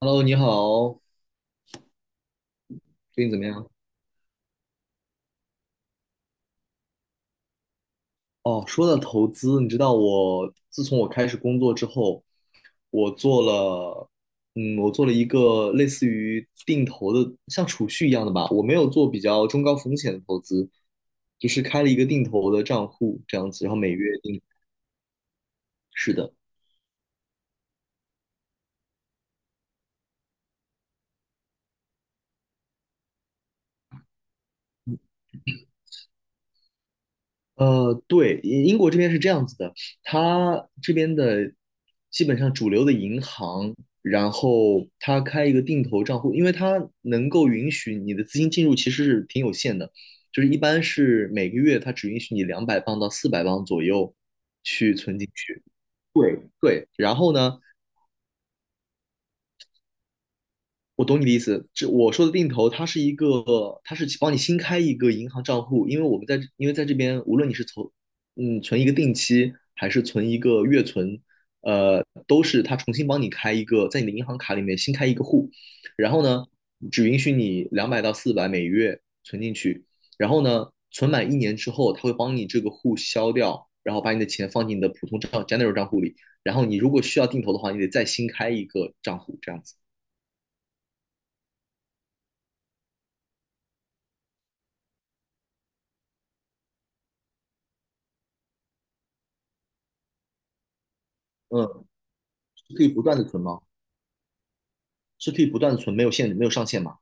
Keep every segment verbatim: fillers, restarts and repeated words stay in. Hello，你好，最近怎么样？哦，说到投资，你知道我自从我开始工作之后，我做了，嗯，我做了一个类似于定投的，像储蓄一样的吧。我没有做比较中高风险的投资，就是开了一个定投的账户这样子，然后每月定。是的。呃，对，英英国这边是这样子的，它这边的基本上主流的银行，然后它开一个定投账户，因为它能够允许你的资金进入其实是挺有限的，就是一般是每个月它只允许你两百磅到四百磅左右去存进去。对对，然后呢，我懂你的意思，这我说的定投，它是一个，它是帮你新开一个银行账户，因为我们在，因为在这边，无论你是存，嗯，存一个定期，还是存一个月存，呃，都是它重新帮你开一个，在你的银行卡里面新开一个户，然后呢，只允许你两百到四百每月存进去，然后呢，存满一年之后，它会帮你这个户消掉，然后把你的钱放进你的普通账 general 账户里，然后你如果需要定投的话，你得再新开一个账户，这样子。嗯，可以不断的存吗？是可以不断的存，没有限，没有上限吗？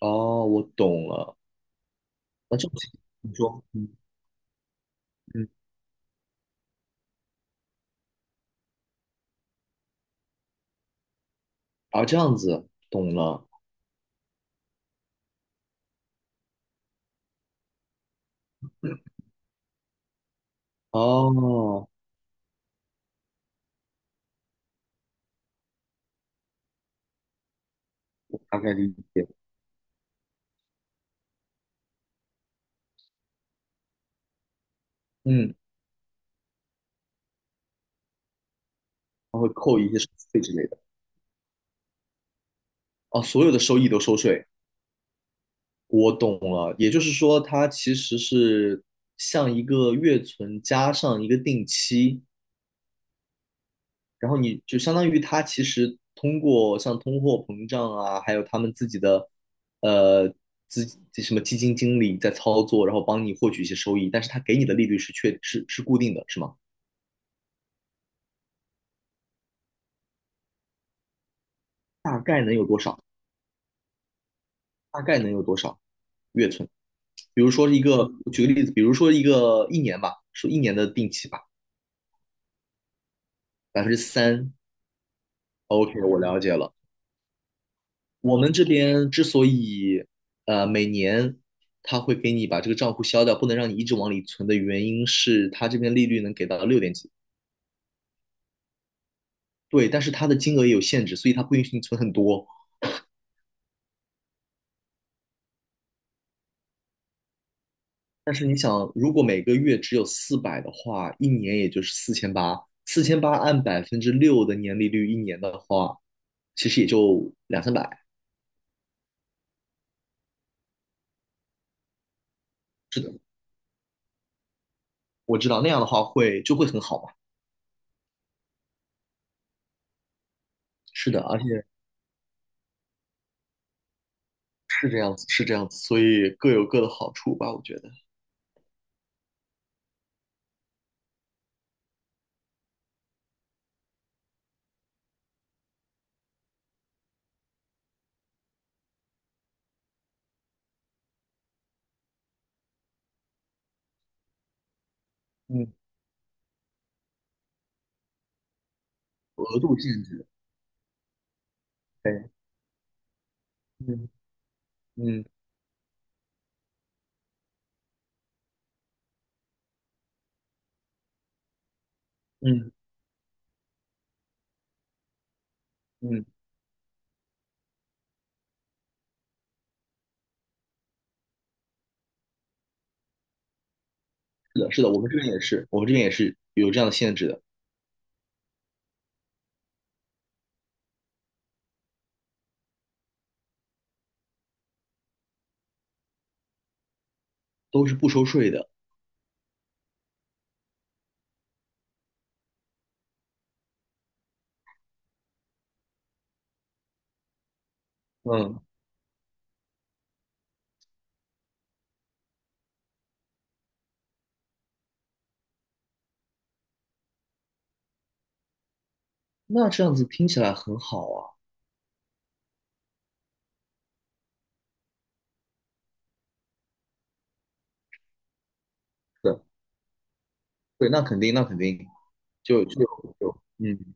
哦，我懂了。那这样子你说，嗯嗯，啊，这样子懂了。哦，我大概理解。嗯，它会扣一些手续费之类的。哦，所有的收益都收税，我懂了。也就是说，它其实是像一个月存加上一个定期，然后你就相当于他其实通过像通货膨胀啊，还有他们自己的呃资什么基金经理在操作，然后帮你获取一些收益，但是他给你的利率是确是是固定的，是吗？大概能有多少？大概能有多少月存？比如说一个，举个例子，比如说一个一年吧，说一年的定期吧，百分之三。OK，我了解了。我们这边之所以呃每年他会给你把这个账户消掉，不能让你一直往里存的原因是，他这边利率能给到六点几，对，但是它的金额也有限制，所以它不允许你存很多。但是你想，如果每个月只有四百的话，一年也就是四千八，四千八按百分之六的年利率，一年的话，其实也就两三百。是的，我知道那样的话会就会很好嘛。是的，而且是这样子，是这样子，所以各有各的好处吧，我觉得。嗯。额度限制。对，嗯嗯嗯嗯，是的，是的，我们这边也是，我们这边也是有这样的限制的，都是不收税的。嗯，那这样子听起来很好啊。对，对，那肯定，那肯定就就就嗯，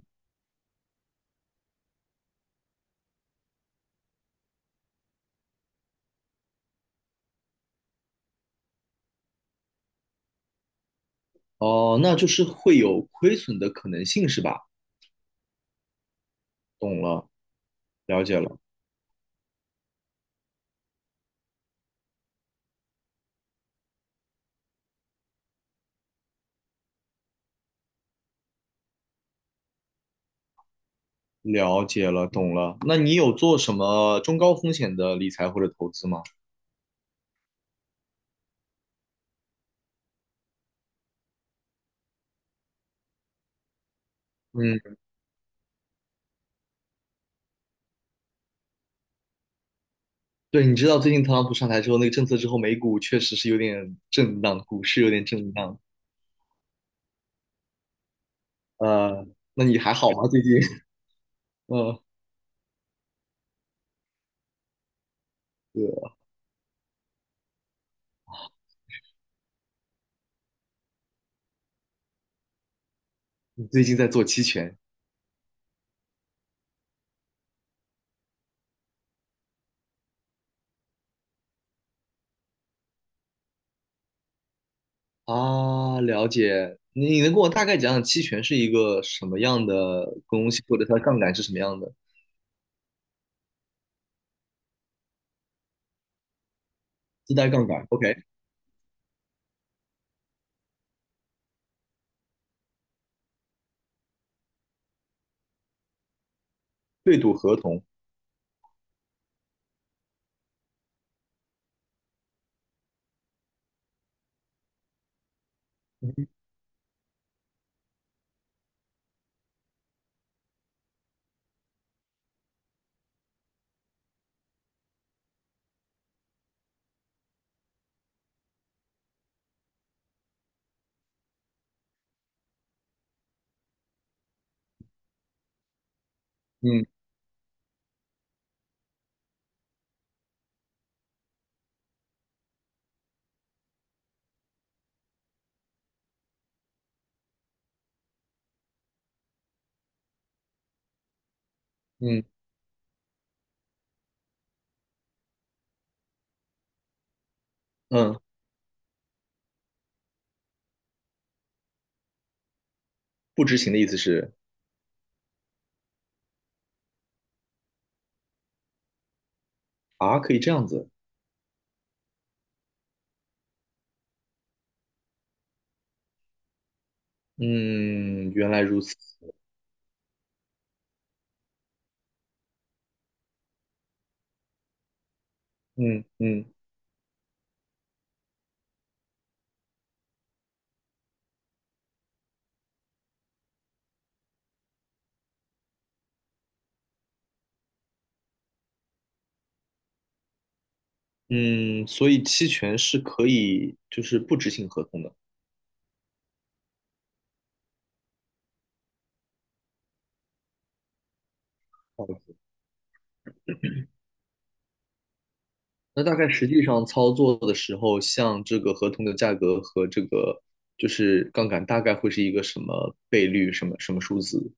哦，那就是会有亏损的可能性是吧？懂了，了解了，了解了，懂了。那你有做什么中高风险的理财或者投资吗？嗯，对，你知道最近特朗普上台之后那个政策之后，美股确实是有点震荡，股市有点震荡。呃，那你还好吗？最近？嗯，对，你最近在做期权啊？了解。你你能跟我大概讲讲期权是一个什么样的东西，或者它的杠杆是什么样的？自带杠杆，OK，对赌合同。嗯嗯嗯，不执行的意思是啊，可以这样子。嗯，原来如此。嗯嗯嗯，所以期权是可以就是不执行合同的。那大概实际上操作的时候，像这个合同的价格和这个就是杠杆，大概会是一个什么倍率，什么什么数字？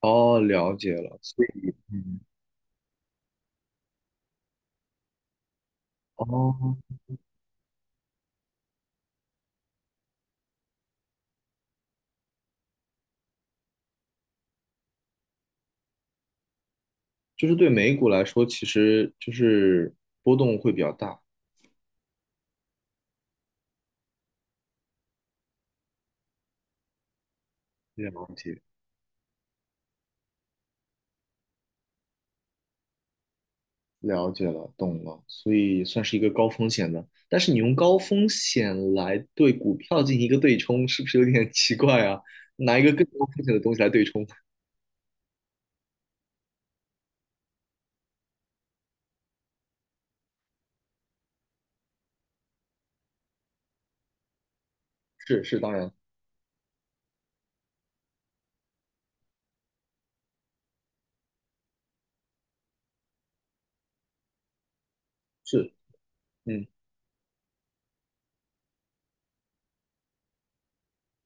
哦，了解了。所以，嗯，哦，就是对美股来说，其实就是波动会比较大。了解，了解了，懂了。所以算是一个高风险的，但是你用高风险来对股票进行一个对冲，是不是有点奇怪啊？拿一个更高风险的东西来对冲？是是，当然是，嗯。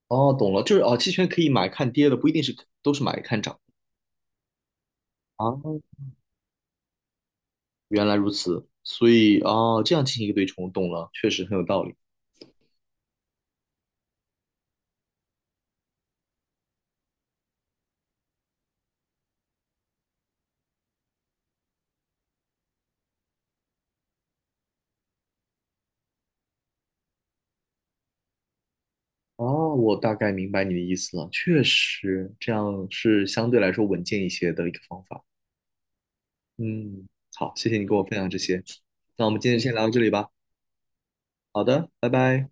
哦，懂了，就是哦，期权可以买看跌的，不一定是都是买看涨啊。哦原来如此，所以哦，这样进行一个对冲，懂了，确实很有道理。哦，我大概明白你的意思了，确实这样是相对来说稳健一些的一个方法。嗯，好，谢谢你跟我分享这些，那我们今天先聊到这里吧。好的，拜拜。